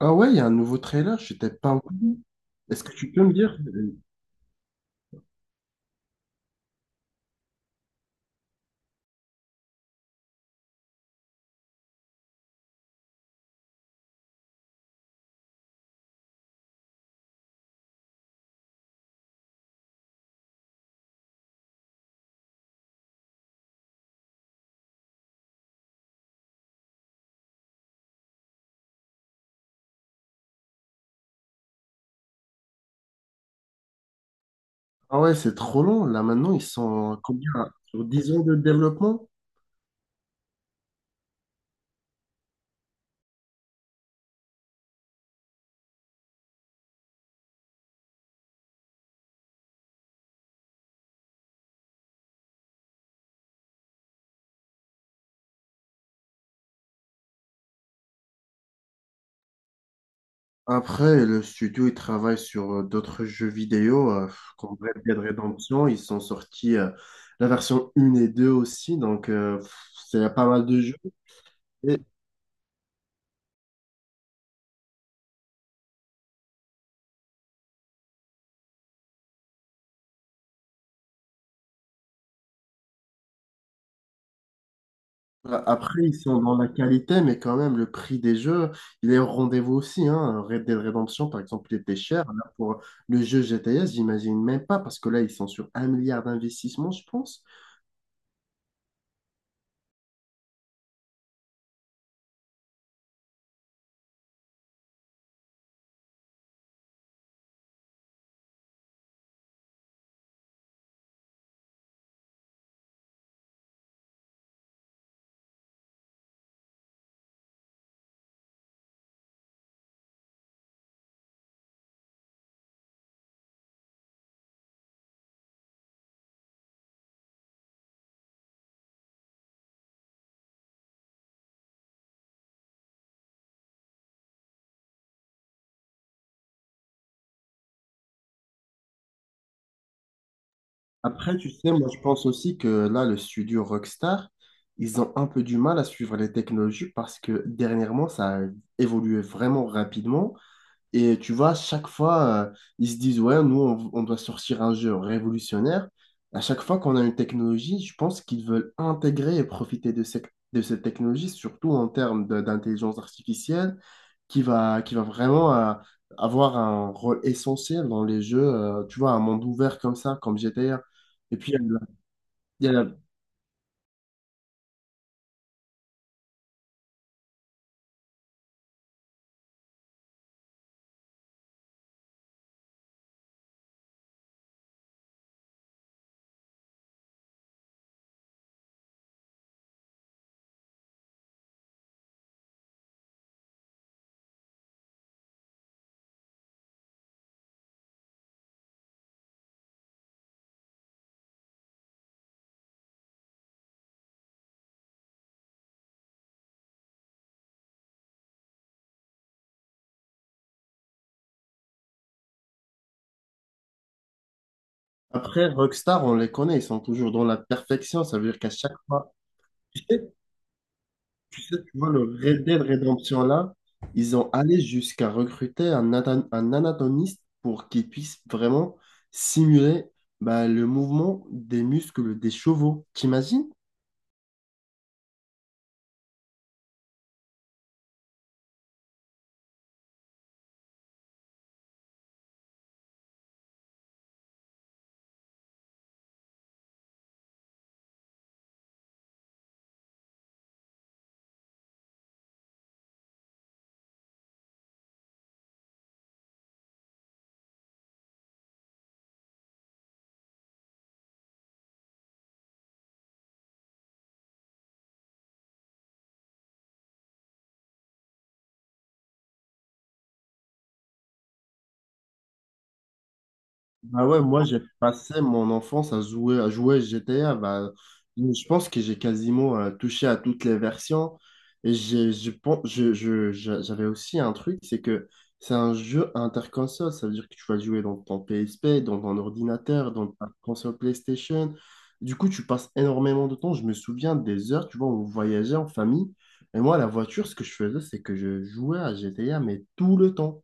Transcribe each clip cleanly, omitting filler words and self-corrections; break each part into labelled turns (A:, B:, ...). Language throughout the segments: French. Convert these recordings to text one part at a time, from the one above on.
A: Ah ouais, il y a un nouveau trailer, je t'ai pas au courant. Est-ce que tu peux me dire? Ah ouais, c'est trop long. Là maintenant, ils sont à combien? Sur 10 ans de développement? Après, le studio, il travaille sur d'autres jeux vidéo, comme Red Dead Redemption. Ils sont sortis la version 1 et 2 aussi, donc pff, c'est pas mal de jeux. Après, ils sont dans la qualité, mais quand même, le prix des jeux, il est au rendez-vous aussi, hein. Red Dead Redemption, par exemple, il était cher. Là, pour le jeu GTS, j'imagine même pas, parce que là, ils sont sur un milliard d'investissements, je pense. Après, tu sais, moi, je pense aussi que là, le studio Rockstar, ils ont un peu du mal à suivre les technologies parce que dernièrement, ça a évolué vraiment rapidement. Et tu vois, chaque fois, ils se disent, ouais, nous, on doit sortir un jeu révolutionnaire. À chaque fois qu'on a une technologie, je pense qu'ils veulent intégrer et profiter de cette technologie, surtout en termes d'intelligence artificielle, qui va vraiment avoir un rôle essentiel dans les jeux, tu vois, un monde ouvert comme ça, comme GTA. Et puis, il y a la- il y a la- après, Rockstar, on les connaît, ils sont toujours dans la perfection, ça veut dire qu'à chaque fois… Tu sais, tu vois, le Red Dead Redemption là, ils ont allé jusqu'à recruter un anatomiste pour qu'il puisse vraiment simuler bah, le mouvement des muscles des chevaux. T'imagines? Bah ouais, moi j'ai passé mon enfance à jouer à GTA. Bah, je pense que j'ai quasiment touché à toutes les versions. Et j'ai, je pense, je- j'avais aussi un truc, c'est que c'est un jeu interconsole. Ça veut dire que tu vas jouer dans ton PSP, dans ton ordinateur, dans ta console PlayStation. Du coup, tu passes énormément de temps. Je me souviens des heures, tu vois, où on voyageait en famille. Et moi, la voiture, ce que je faisais, c'est que je jouais à GTA, mais tout le temps.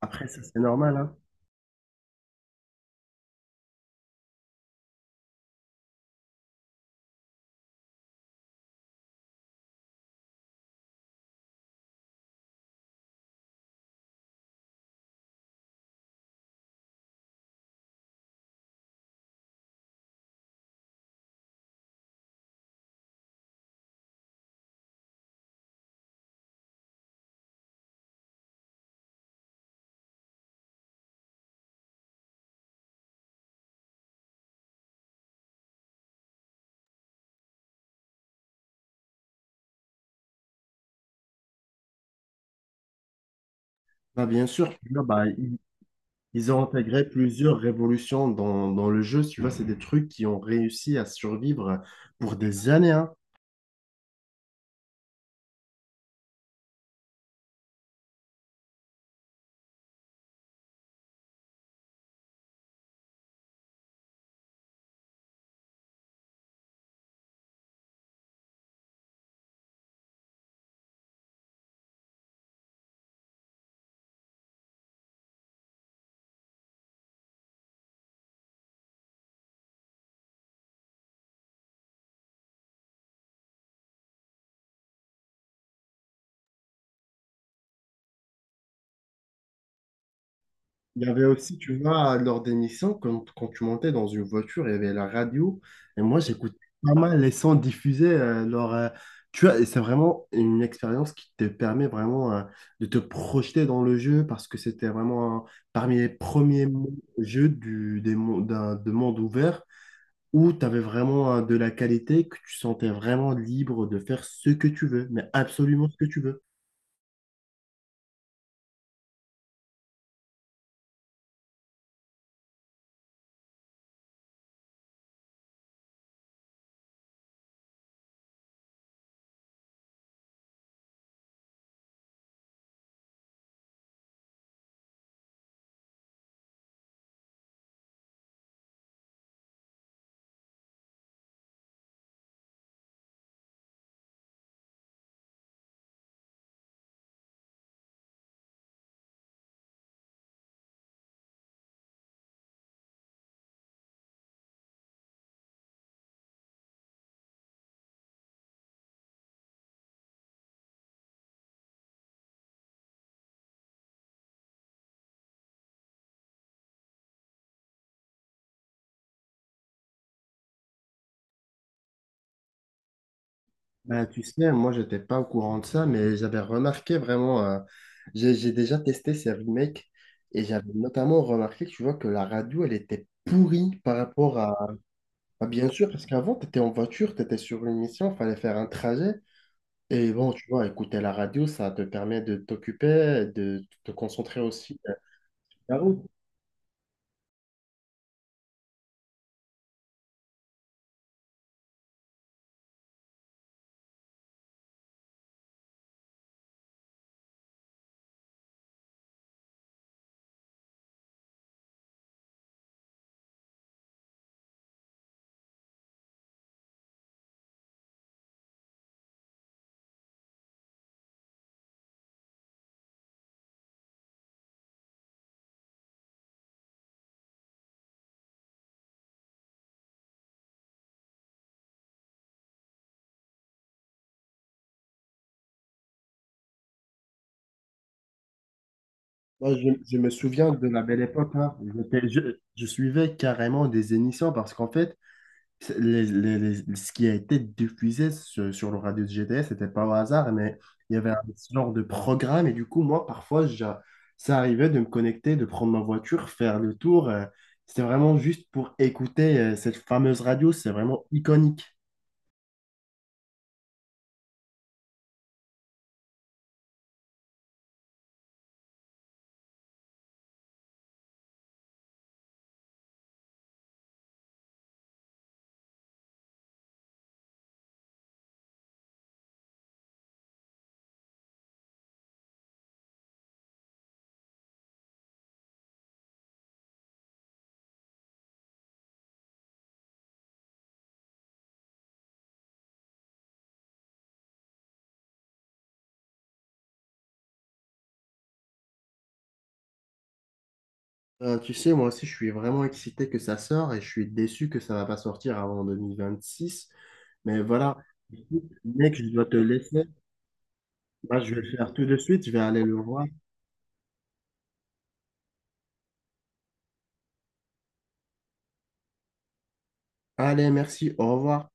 A: Après, ça, c'est normal, hein. Bah, bien sûr, tu vois, bah, ils ont intégré plusieurs révolutions dans le jeu. Si tu vois, c'est des trucs qui ont réussi à survivre pour des années, hein. Il y avait aussi, tu vois, lors des missions, quand tu montais dans une voiture, il y avait la radio. Et moi, j'écoutais pas mal les sons diffusés tu vois, et c'est vraiment une expérience qui te permet vraiment de te projeter dans le jeu parce que c'était vraiment parmi les premiers jeux du, des, mon- d'un- de monde ouvert où tu avais vraiment de la qualité, que tu sentais vraiment libre de faire ce que tu veux, mais absolument ce que tu veux. Bah, tu sais, moi, j'étais pas au courant de ça, mais j'avais remarqué vraiment, j'ai déjà testé ces remakes et j'avais notamment remarqué, tu vois, que la radio, elle était pourrie par rapport à… Bah, bien sûr, parce qu'avant, tu étais en voiture, tu étais sur une mission, fallait faire un trajet. Et bon, tu vois, écouter la radio, ça te permet de t'occuper, de te concentrer aussi, sur la route. Moi, je me souviens de la belle époque, hein. Je suivais carrément des émissions parce qu'en fait, ce qui a été diffusé sur le radio de GTS, c'était pas au hasard, mais il y avait un genre de programme et du coup, moi, parfois, ça arrivait de me connecter, de prendre ma voiture, faire le tour, c'était vraiment juste pour écouter cette fameuse radio, c'est vraiment iconique. Tu sais, moi aussi, je suis vraiment excité que ça sorte et je suis déçu que ça va pas sortir avant 2026. Mais voilà, écoute, mec, je dois te laisser. Moi, je vais le faire tout de suite. Je vais aller le voir. Allez, merci. Au revoir.